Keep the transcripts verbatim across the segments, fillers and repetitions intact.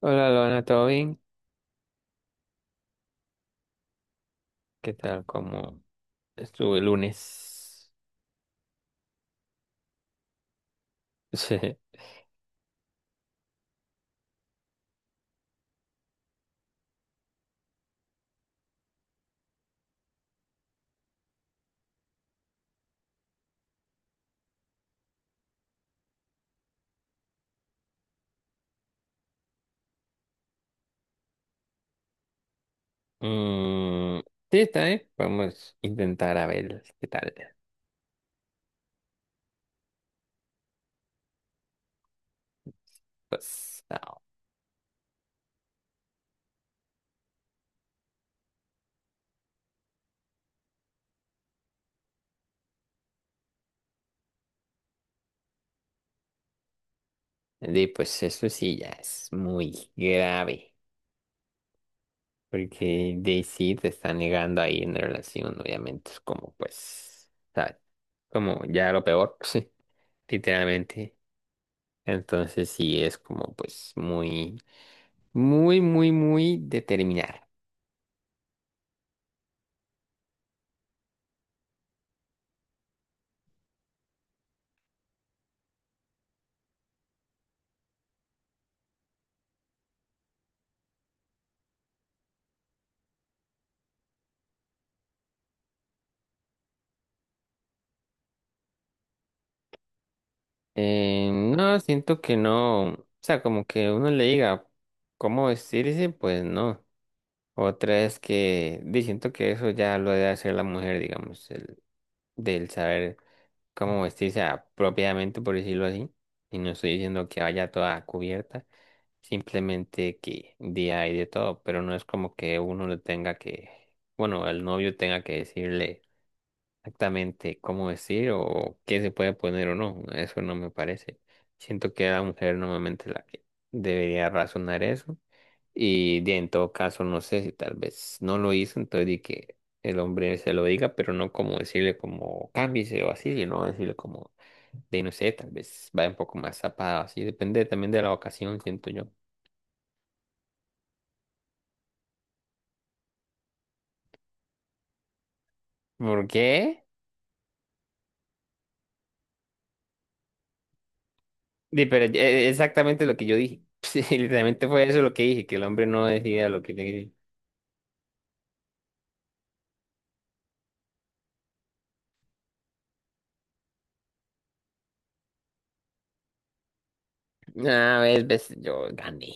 Hola, Lona, ¿todo bien? ¿Qué tal? ¿Cómo estuvo el lunes? Sí, mm, sí, está bien. Vamos a intentar a ver qué tal. Pues, no. De, pues eso sí ya es muy grave. Porque de sí te está negando ahí en relación, obviamente. Es como, pues, ¿sabes? Como ya lo peor, sí, literalmente. Entonces sí es como, pues, muy, muy, muy, muy determinar. Eh, no, siento que no. O sea, como que uno le diga cómo vestirse, pues no. Otra es que di, siento que eso ya lo debe hacer la mujer, digamos, el, del saber cómo vestirse apropiadamente, por decirlo así. Y no estoy diciendo que vaya toda cubierta, simplemente que día hay de todo, pero no es como que uno le tenga que, bueno, el novio tenga que decirle exactamente cómo decir o qué se puede poner o no. Eso no me parece. Siento que la mujer normalmente la que debería razonar eso. Y de, en todo caso, no sé si tal vez no lo hizo, entonces di que el hombre se lo diga, pero no como decirle como cámbiese o así, sino decirle como de no sé, tal vez va un poco más zapado, así depende también de la ocasión, siento yo. ¿Por qué? Di, pero eh, exactamente lo que yo dije. Sí, literalmente fue eso lo que dije, que el hombre no decía lo que le... Ah, ves, ves, yo gané.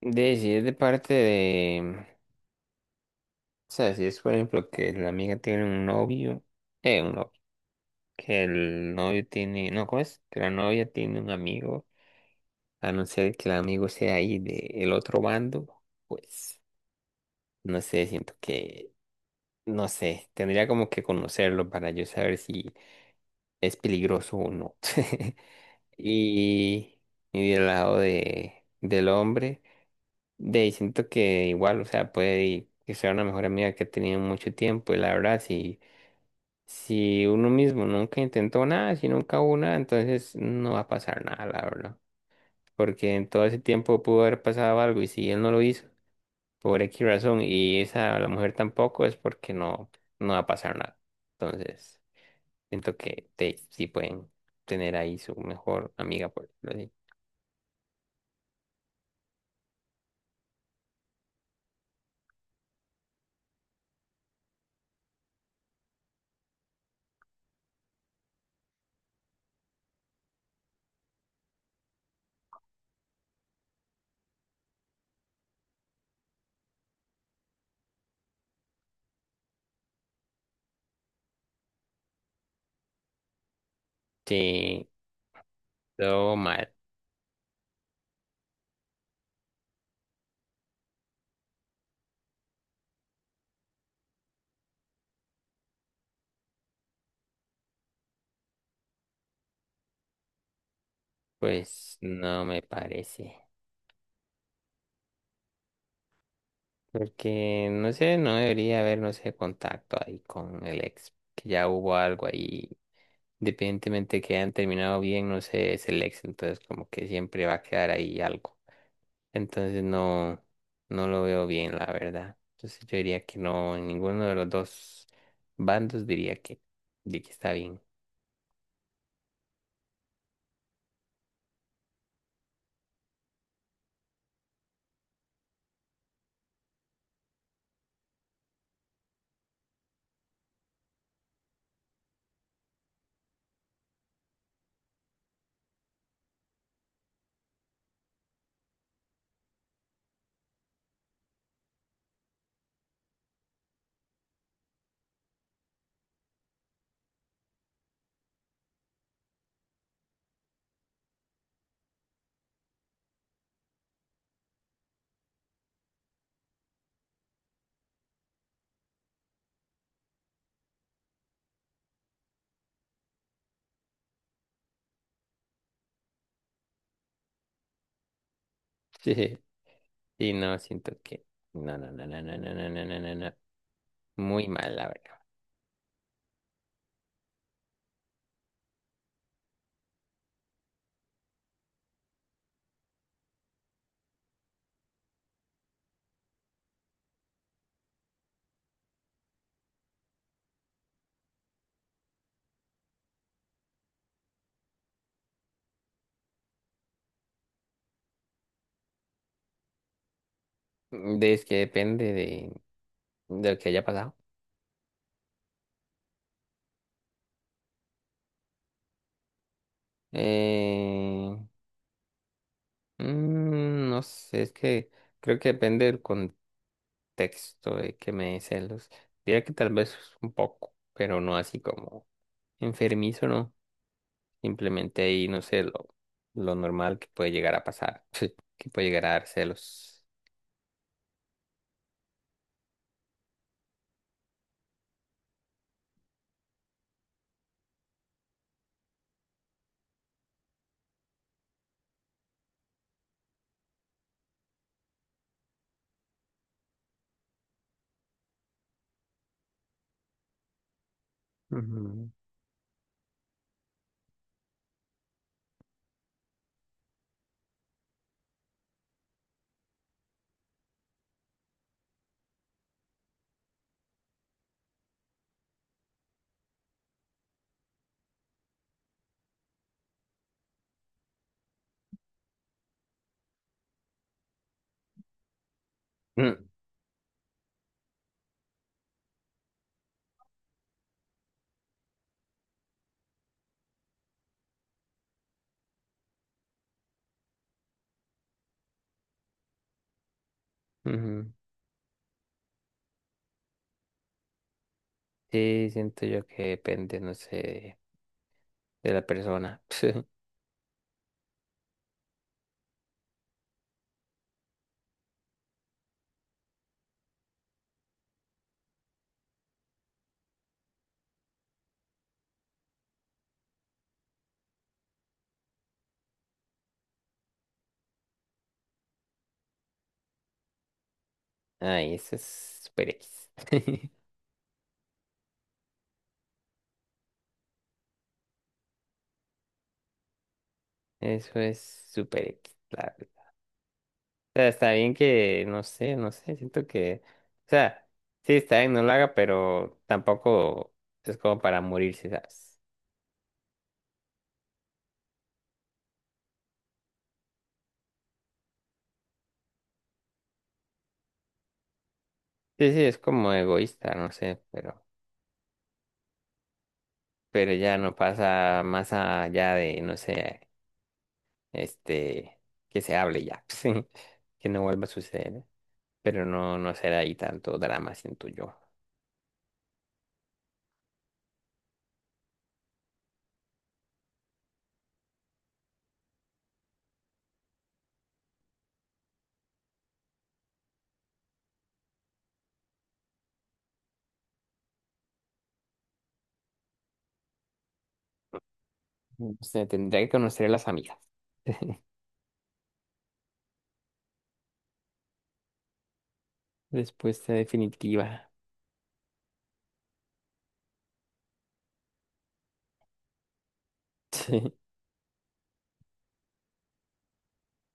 De, si es de parte de... O sea, si es por ejemplo que la amiga tiene un novio, eh, un novio, que el novio tiene, no, ¿cómo es? Que la novia tiene un amigo, a no ser que el amigo sea ahí del otro bando, pues, no sé, siento que, no sé, tendría como que conocerlo para yo saber si es peligroso o no. Y, y del lado de, del hombre. De, y siento que igual, o sea, puede y- que sea una mejor amiga que ha tenido mucho tiempo y la verdad, si, si uno mismo nunca intentó nada, si nunca hubo nada, entonces no va a pasar nada, la verdad. Porque en todo ese tiempo pudo haber pasado algo y si él no lo hizo, por X razón, y esa la mujer tampoco, es porque no, no va a pasar nada. Entonces, siento que te, sí pueden tener ahí su mejor amiga, por decirlo así. Sí, todo mal, pues no me parece. Porque, no sé, no debería haber, no sé, contacto ahí con el ex, que ya hubo algo ahí, independientemente que hayan terminado bien, no sé, es el ex, entonces como que siempre va a quedar ahí algo. Entonces no, no lo veo bien, la verdad. Entonces yo diría que no, en ninguno de los dos bandos diría que, de que está bien. Sí no, siento que, no, no, no, no, no, no, no, no, no, no, no. Muy mal, la verdad. De, es que depende de, de lo que haya pasado. Eh, Mm, no sé, es que creo que depende del contexto de que me dé celos. Diría que tal vez un poco, pero no así como enfermizo, ¿no? Simplemente ahí, no sé, lo, lo normal que puede llegar a pasar, que puede llegar a dar celos. Ujú. Mm, Ujú. Sí, siento yo que depende, no sé, de la persona. Ay, eso es super X. Eso es super X, sea, está bien que, no sé, no sé, siento que, o sea, sí, está bien, no lo haga, pero tampoco es como para morirse, ¿sabes? Sí, sí, es como egoísta, no sé, pero, pero ya no pasa más allá de, no sé, este, que se hable ya, sí, que no vuelva a suceder, pero no, no será ahí tanto drama, siento yo. O sea, tendría que conocer a las amigas. Respuesta definitiva.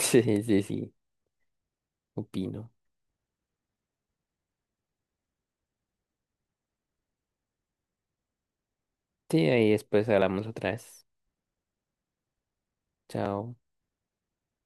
Sí, sí, sí, sí, opino. Sí, ahí después hablamos otra vez. Chao.